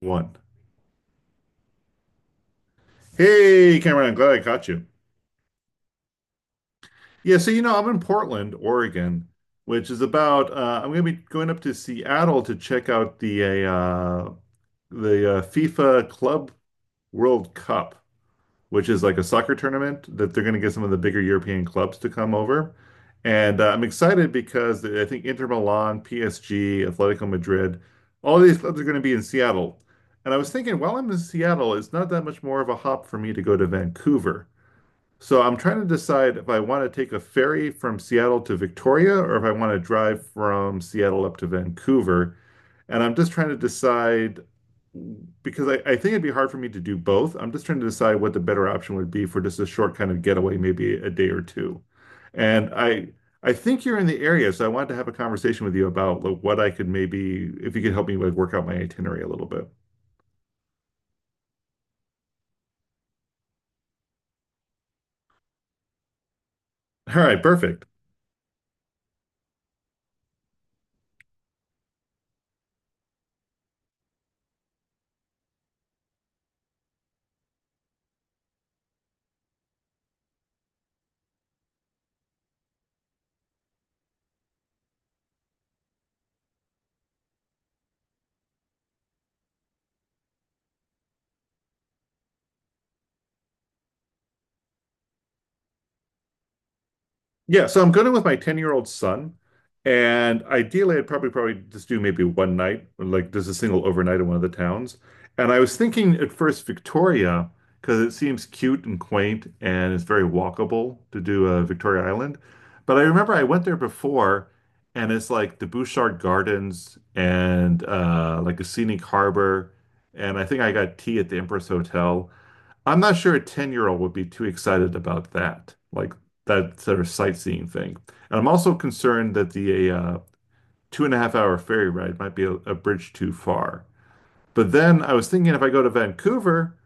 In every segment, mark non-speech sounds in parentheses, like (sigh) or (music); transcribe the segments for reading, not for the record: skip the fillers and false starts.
One. Hey, Cameron, I'm glad I caught you. Yeah, so you know, I'm in Portland, Oregon, which is about I'm going to be going up to Seattle to check out the FIFA Club World Cup, which is like a soccer tournament that they're going to get some of the bigger European clubs to come over. And I'm excited because I think Inter Milan, PSG, Atletico Madrid, all these clubs are going to be in Seattle. And I was thinking, while I'm in Seattle, it's not that much more of a hop for me to go to Vancouver. So I'm trying to decide if I want to take a ferry from Seattle to Victoria or if I want to drive from Seattle up to Vancouver. And I'm just trying to decide because I think it'd be hard for me to do both. I'm just trying to decide what the better option would be for just a short kind of getaway, maybe a day or two. And I think you're in the area, so I wanted to have a conversation with you about like, what I could maybe if you could help me like work out my itinerary a little bit. All right, perfect. Yeah, so I'm going with my 10-year-old son, and ideally I'd probably just do maybe one night, or, like just a single overnight in one of the towns. And I was thinking at first Victoria, because it seems cute and quaint and it's very walkable to do Victoria Island. But I remember I went there before, and it's like the Bouchard Gardens and like a scenic harbor. And I think I got tea at the Empress Hotel. I'm not sure a 10-year-old would be too excited about that, like that sort of sightseeing thing. And I'm also concerned that the 2.5 hour ferry ride might be a bridge too far. But then I was thinking if I go to Vancouver,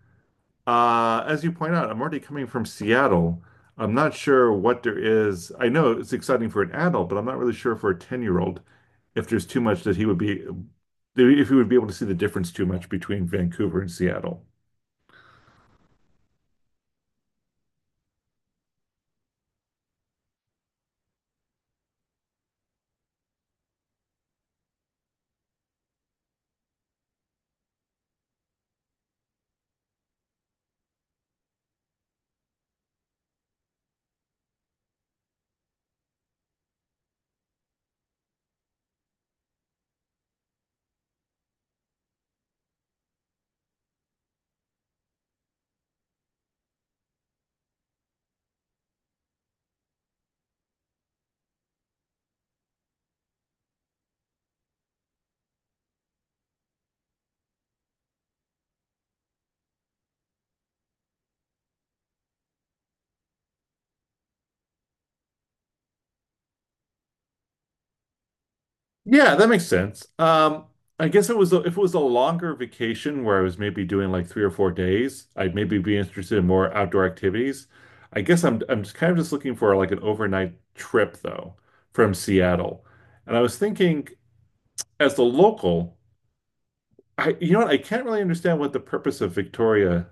as you point out, I'm already coming from Seattle. I'm not sure what there is. I know it's exciting for an adult, but I'm not really sure for a 10-year-old if there's too much that he would be, if he would be able to see the difference too much between Vancouver and Seattle. Yeah, that makes sense. I guess if it was a longer vacation where I was maybe doing like three or four days, I'd maybe be interested in more outdoor activities. I guess I'm just kind of just looking for like an overnight trip though from Seattle. And I was thinking as a local, I can't really understand what the purpose of Victoria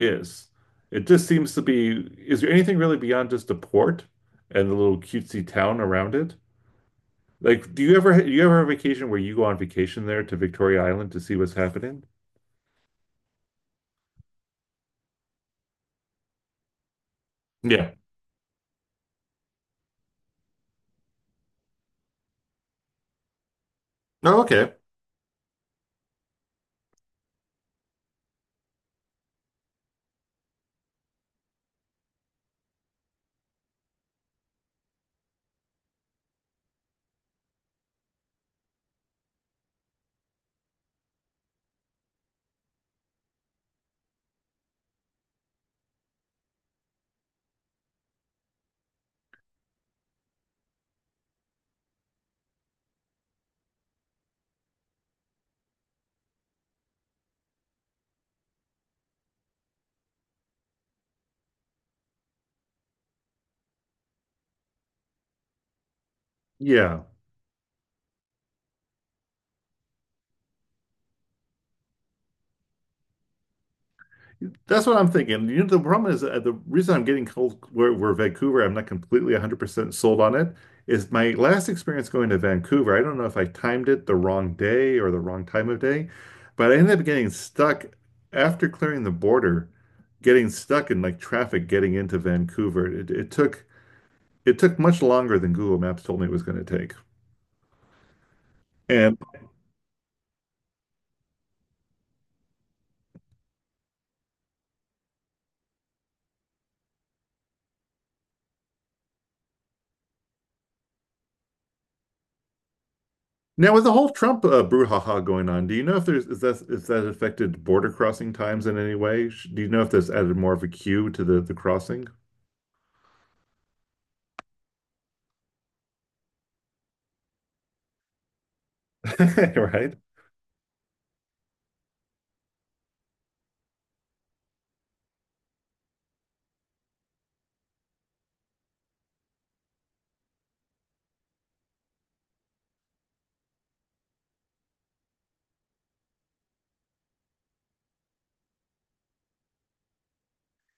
is. It just seems to be, is there anything really beyond just the port and the little cutesy town around it? Like, do you ever have a vacation where you go on vacation there to Victoria Island to see what's happening? Yeah. Oh, okay. Yeah. That's what I'm thinking. You know, the problem is the reason I'm getting cold where Vancouver, I'm not completely 100% sold on it, is my last experience going to Vancouver. I don't know if I timed it the wrong day or the wrong time of day, but I ended up getting stuck after clearing the border, getting stuck in like traffic getting into Vancouver. It took much longer than Google Maps told me it was going to take. And now, with the whole Trump brouhaha going on, do you know if there's is that affected border crossing times in any way? Do you know if that's added more of a queue to the crossing? (laughs) Right?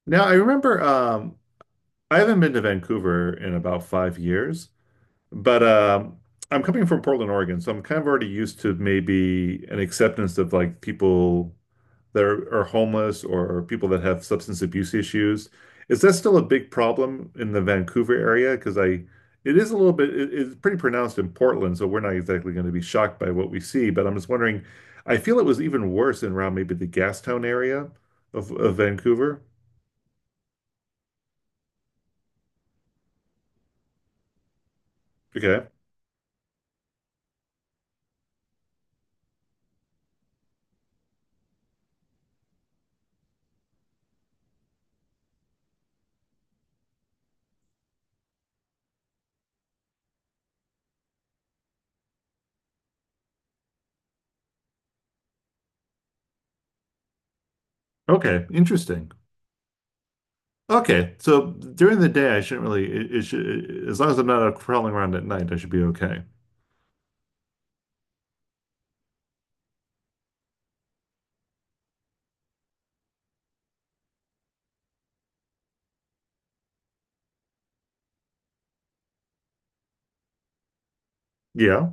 Now, I remember I haven't been to Vancouver in about five years, but I'm coming from Portland, Oregon, so I'm kind of already used to maybe an acceptance of like people. That are homeless or people that have substance abuse issues. Is that still a big problem in the Vancouver area? Because I, it is a little bit, it's pretty pronounced in Portland, so we're not exactly going to be shocked by what we see. But I'm just wondering, I feel it was even worse in around maybe the Gastown area of Vancouver. Okay. Okay. Interesting. Okay. So during the day, I shouldn't really, it should, as long as I'm not out prowling around at night, I should be okay. Yeah.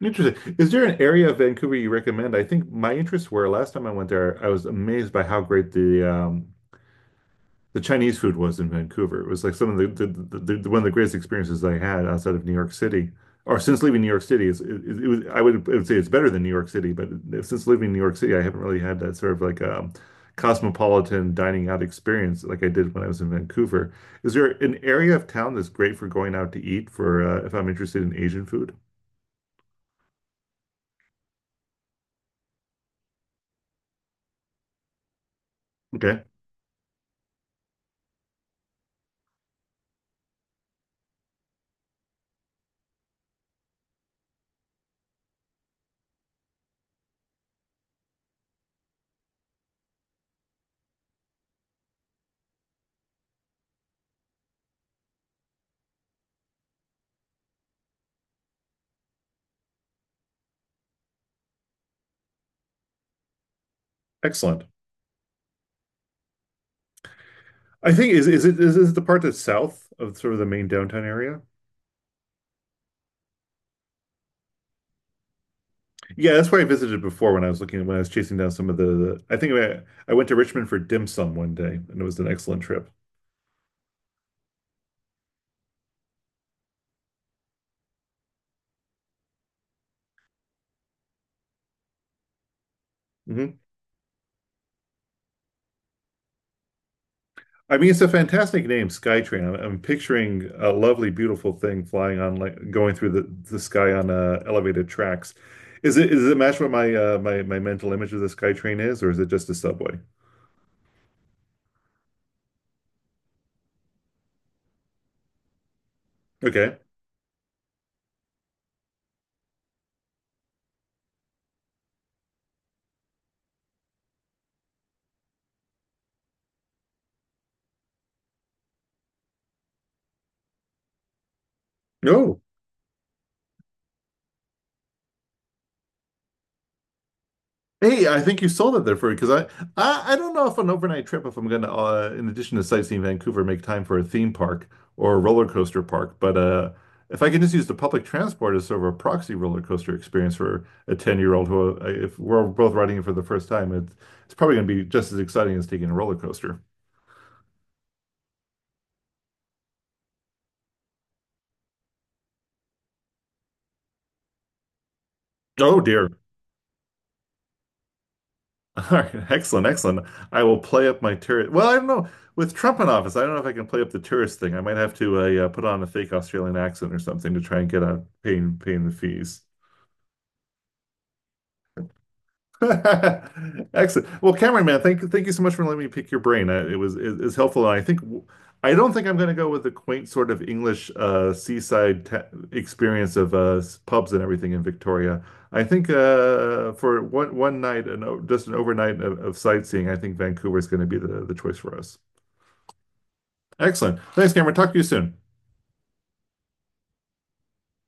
Interesting. Is there an area of Vancouver you recommend? I think my interests were last time I went there, I was amazed by how great the Chinese food was in Vancouver. It was like some of the one of the greatest experiences I had outside of New York City, or since leaving New York City. It's, it was I would say it's better than New York City, but since leaving New York City, I haven't really had that sort of like cosmopolitan dining out experience like I did when I was in Vancouver. Is there an area of town that's great for going out to eat for if I'm interested in Asian food? Okay. Excellent. I think is it is this the part that's south of sort of the main downtown area? Yeah, that's where I visited before when I was looking when I was chasing down some of the. I went to Richmond for dim sum one day, and it was an excellent trip. Hmm. I mean, it's a fantastic name, Skytrain. I'm picturing a lovely, beautiful thing flying on like going through the sky on elevated tracks. Is it match what my my mental image of the Skytrain is, or is it just a subway? Okay. No. Hey, I think you sold it there for because I, I don't know if an overnight trip if I'm gonna in addition to sightseeing Vancouver make time for a theme park or a roller coaster park, but if I can just use the public transport as sort of a proxy roller coaster experience for a 10-year-old who if we're both riding it for the first time, it's probably gonna be just as exciting as taking a roller coaster. Oh dear. (laughs) All right, excellent, excellent. I will play up my tourist. Well, I don't know. With Trump in office, I don't know if I can play up the tourist thing. I might have to yeah, put on a fake Australian accent or something to try and get out paying the fees. (laughs) Excellent. Well, Cameron, man, thank you so much for letting me pick your brain. It was it's helpful. I think I don't think I'm going to go with the quaint sort of English seaside ta experience of pubs and everything in Victoria. I think for one night and just an overnight of sightseeing, I think Vancouver is going to be the choice for us. Excellent. Thanks, Cameron. Talk to you soon.